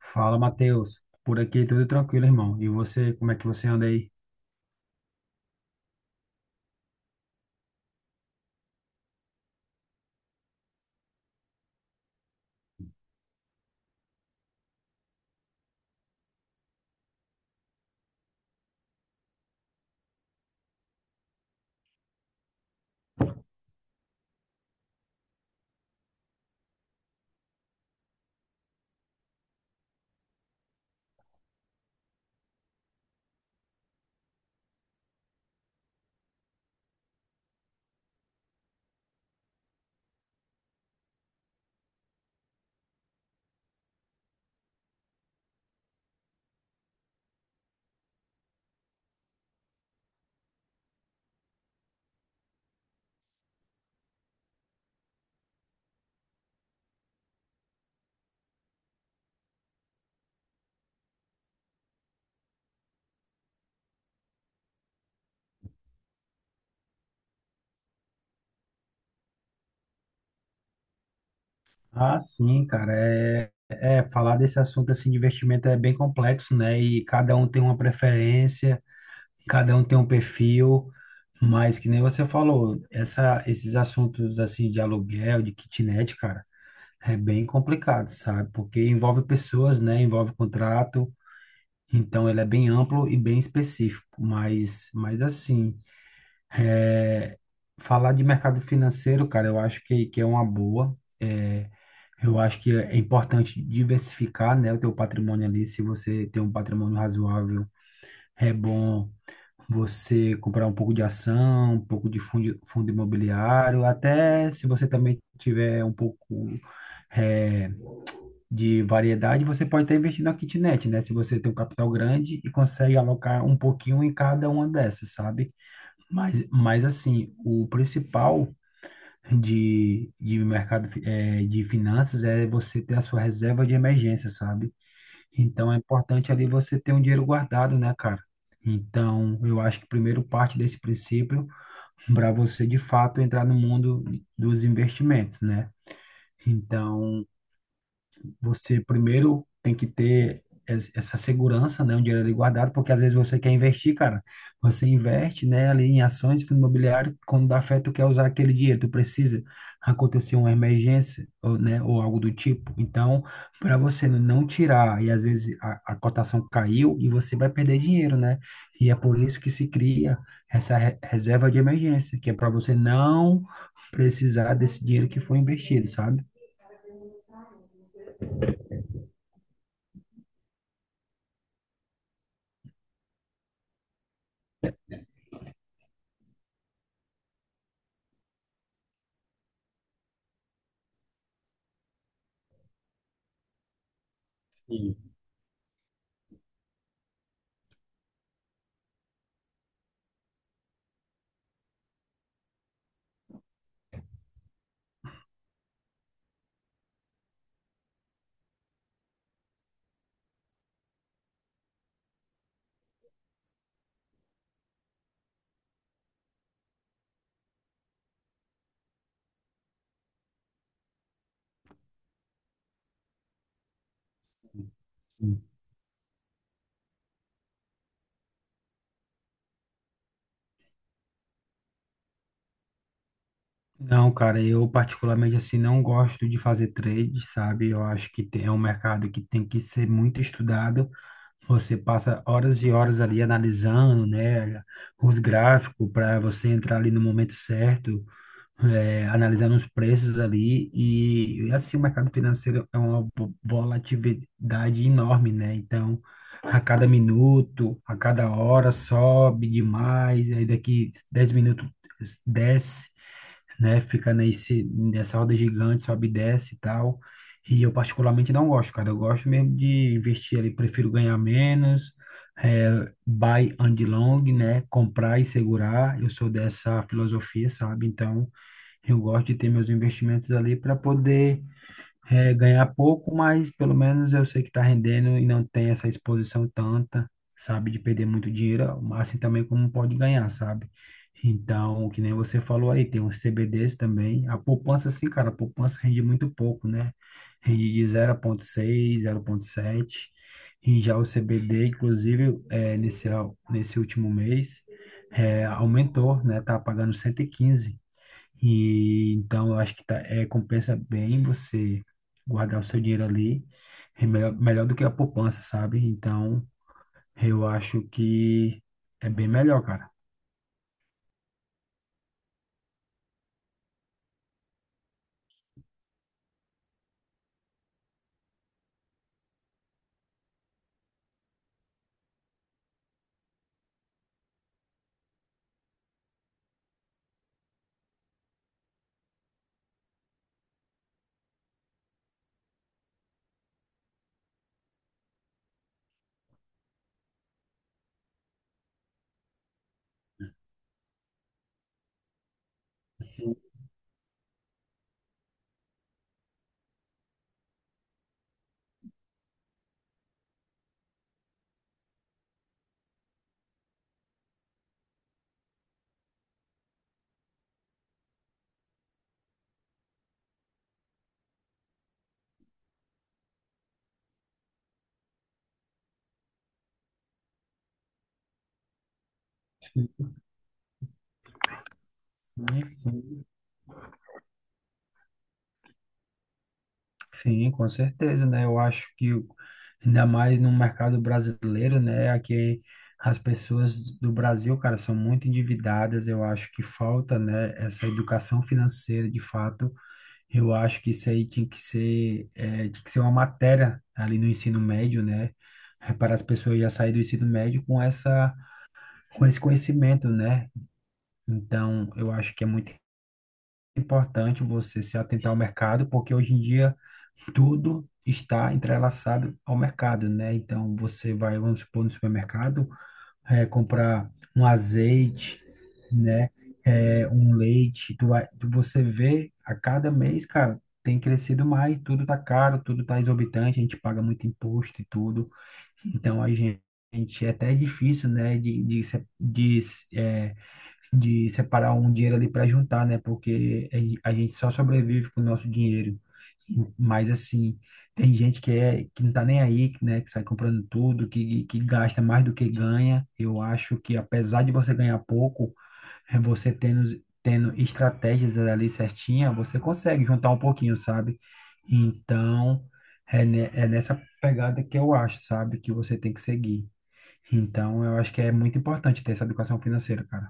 Fala, Matheus. Por aqui tudo tranquilo, irmão. E você, como é que você anda aí? Ah, sim, cara. É falar desse assunto assim de investimento é bem complexo, né? E cada um tem uma preferência, cada um tem um perfil, mas que nem você falou, essa, esses assuntos assim de aluguel, de kitnet, cara, é bem complicado, sabe? Porque envolve pessoas, né? Envolve contrato. Então ele é bem amplo e bem específico, mas assim. Falar de mercado financeiro, cara, eu acho que é uma boa. É, eu acho que é importante diversificar, né, o teu patrimônio ali. Se você tem um patrimônio razoável, é bom você comprar um pouco de ação, um pouco de fundo, fundo imobiliário, até se você também tiver um pouco é, de variedade, você pode estar investindo na kitnet, né? Se você tem um capital grande e consegue alocar um pouquinho em cada uma dessas, sabe? Mas assim, o principal de mercado de finanças é você ter a sua reserva de emergência, sabe? Então é importante ali você ter um dinheiro guardado, né, cara? Então, eu acho que primeiro parte desse princípio para você de fato entrar no mundo dos investimentos, né? Então, você primeiro tem que ter essa segurança, né, um dinheiro ali guardado, porque às vezes você quer investir, cara, você investe, né, ali em ações, fundo imobiliário, quando dá fé, tu quer usar aquele dinheiro, tu precisa acontecer uma emergência, ou, né, ou algo do tipo. Então, para você não tirar, e às vezes a cotação caiu e você vai perder dinheiro, né? E é por isso que se cria essa reserva de emergência, que é para você não precisar desse dinheiro que foi investido, sabe? Sim. Não, cara, eu particularmente assim não gosto de fazer trade, sabe? Eu acho que tem, é um mercado que tem que ser muito estudado. Você passa horas e horas ali analisando, né, os gráficos para você entrar ali no momento certo, é, analisando os preços ali assim o mercado financeiro é uma volatilidade enorme, né? Então, a cada minuto, a cada hora sobe demais, aí daqui 10 minutos desce, né? Fica nesse, nessa roda gigante, sobe e desce e tal. E eu particularmente não gosto, cara. Eu gosto mesmo de investir ali, prefiro ganhar menos, é, buy and long, né? Comprar e segurar. Eu sou dessa filosofia, sabe? Então, eu gosto de ter meus investimentos ali para poder é, ganhar pouco, mas pelo menos eu sei que está rendendo e não tem essa exposição tanta, sabe, de perder muito dinheiro, mas assim também como pode ganhar, sabe? Então, que nem você falou aí, tem os CBDs também. A poupança, sim, cara, a poupança rende muito pouco, né? Rende de 0,6, sete. E já o CBD, inclusive, é, nesse último mês, é, aumentou, né? Tá pagando 115. E então eu acho que tá, é, compensa bem você guardar o seu dinheiro ali, é melhor, melhor do que a poupança, sabe? Então eu acho que é bem melhor, cara. Sim, sim, sim, sim. Sim, com certeza, né? Eu acho que ainda mais no mercado brasileiro, né? Aqui as pessoas do Brasil, cara, são muito endividadas. Eu acho que falta, né, essa educação financeira de fato. Eu acho que isso aí tinha que ser, é, tinha que ser uma matéria ali no ensino médio, né? É, para as pessoas já saírem do ensino médio com essa, com esse conhecimento, né? Então, eu acho que é muito importante você se atentar ao mercado, porque hoje em dia tudo está entrelaçado ao mercado, né? Então, você vai, vamos supor, no supermercado é, comprar um azeite, né? É, um leite. Tu vai, você vê a cada mês, cara, tem crescido mais, tudo tá caro, tudo tá exorbitante, a gente paga muito imposto e tudo. Então a gente é até difícil, né? De, se- de, é, de separar um dinheiro ali para juntar, né? Porque a a gente só sobrevive com o nosso dinheiro. E, mas assim, tem gente que é que não tá nem aí, que, né, que sai comprando tudo, que gasta mais do que ganha. Eu acho que apesar de você ganhar pouco, é você tendo estratégias ali certinha, você consegue juntar um pouquinho, sabe? Então, é, é nessa pegada que eu acho, sabe, que você tem que seguir. Então, eu acho que é muito importante ter essa educação financeira, cara.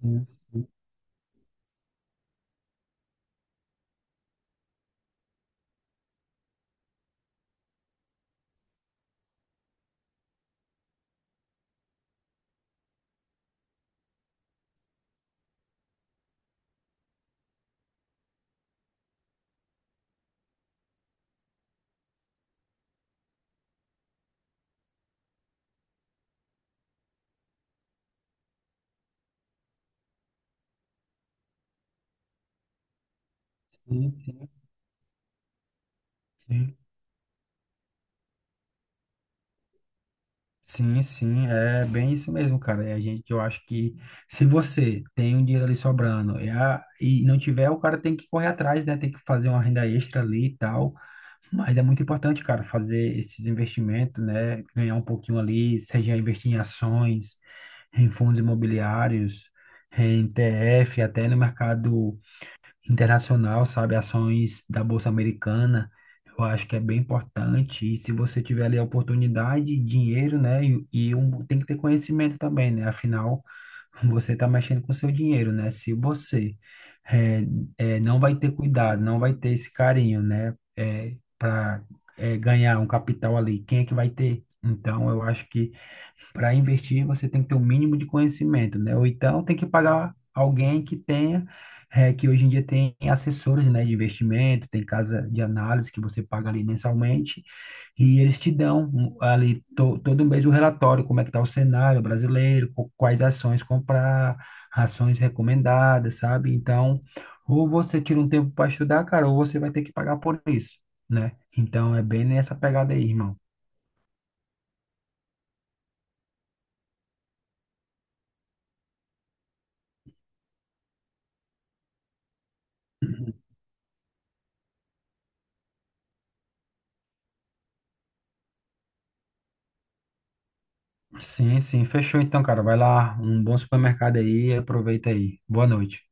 Sim, sim, sim, sim. Sim, sim, é bem isso mesmo, cara. E a gente, eu acho que se você tem um dinheiro ali sobrando e não tiver, o cara tem que correr atrás, né? Tem que fazer uma renda extra ali e tal. Mas é muito importante, cara, fazer esses investimentos, né? Ganhar um pouquinho ali, seja investir em ações, em fundos imobiliários, em ETF, até no mercado internacional, sabe? Ações da Bolsa Americana, eu acho que é bem importante. E se você tiver ali a oportunidade, dinheiro, né? E um, tem que ter conhecimento também, né? Afinal, você está mexendo com o seu dinheiro, né? Se você eh, não vai ter cuidado, não vai ter esse carinho, né? Para ganhar um capital ali, quem é que vai ter? Então, eu acho que para investir, você tem que ter o mínimo de conhecimento, né? Ou então tem que pagar alguém que tenha, eh, que hoje em dia tem assessores, né, de investimento, tem casa de análise que você paga ali mensalmente, e eles te dão um, ali todo mês o relatório, como é que está o cenário brasileiro, quais ações comprar, ações recomendadas, sabe? Então, ou você tira um tempo para estudar, cara, ou você vai ter que pagar por isso, né? Então é bem nessa pegada aí, irmão. Sim, sim, fechou então, cara. Vai lá, um bom supermercado aí, aproveita aí. Boa noite.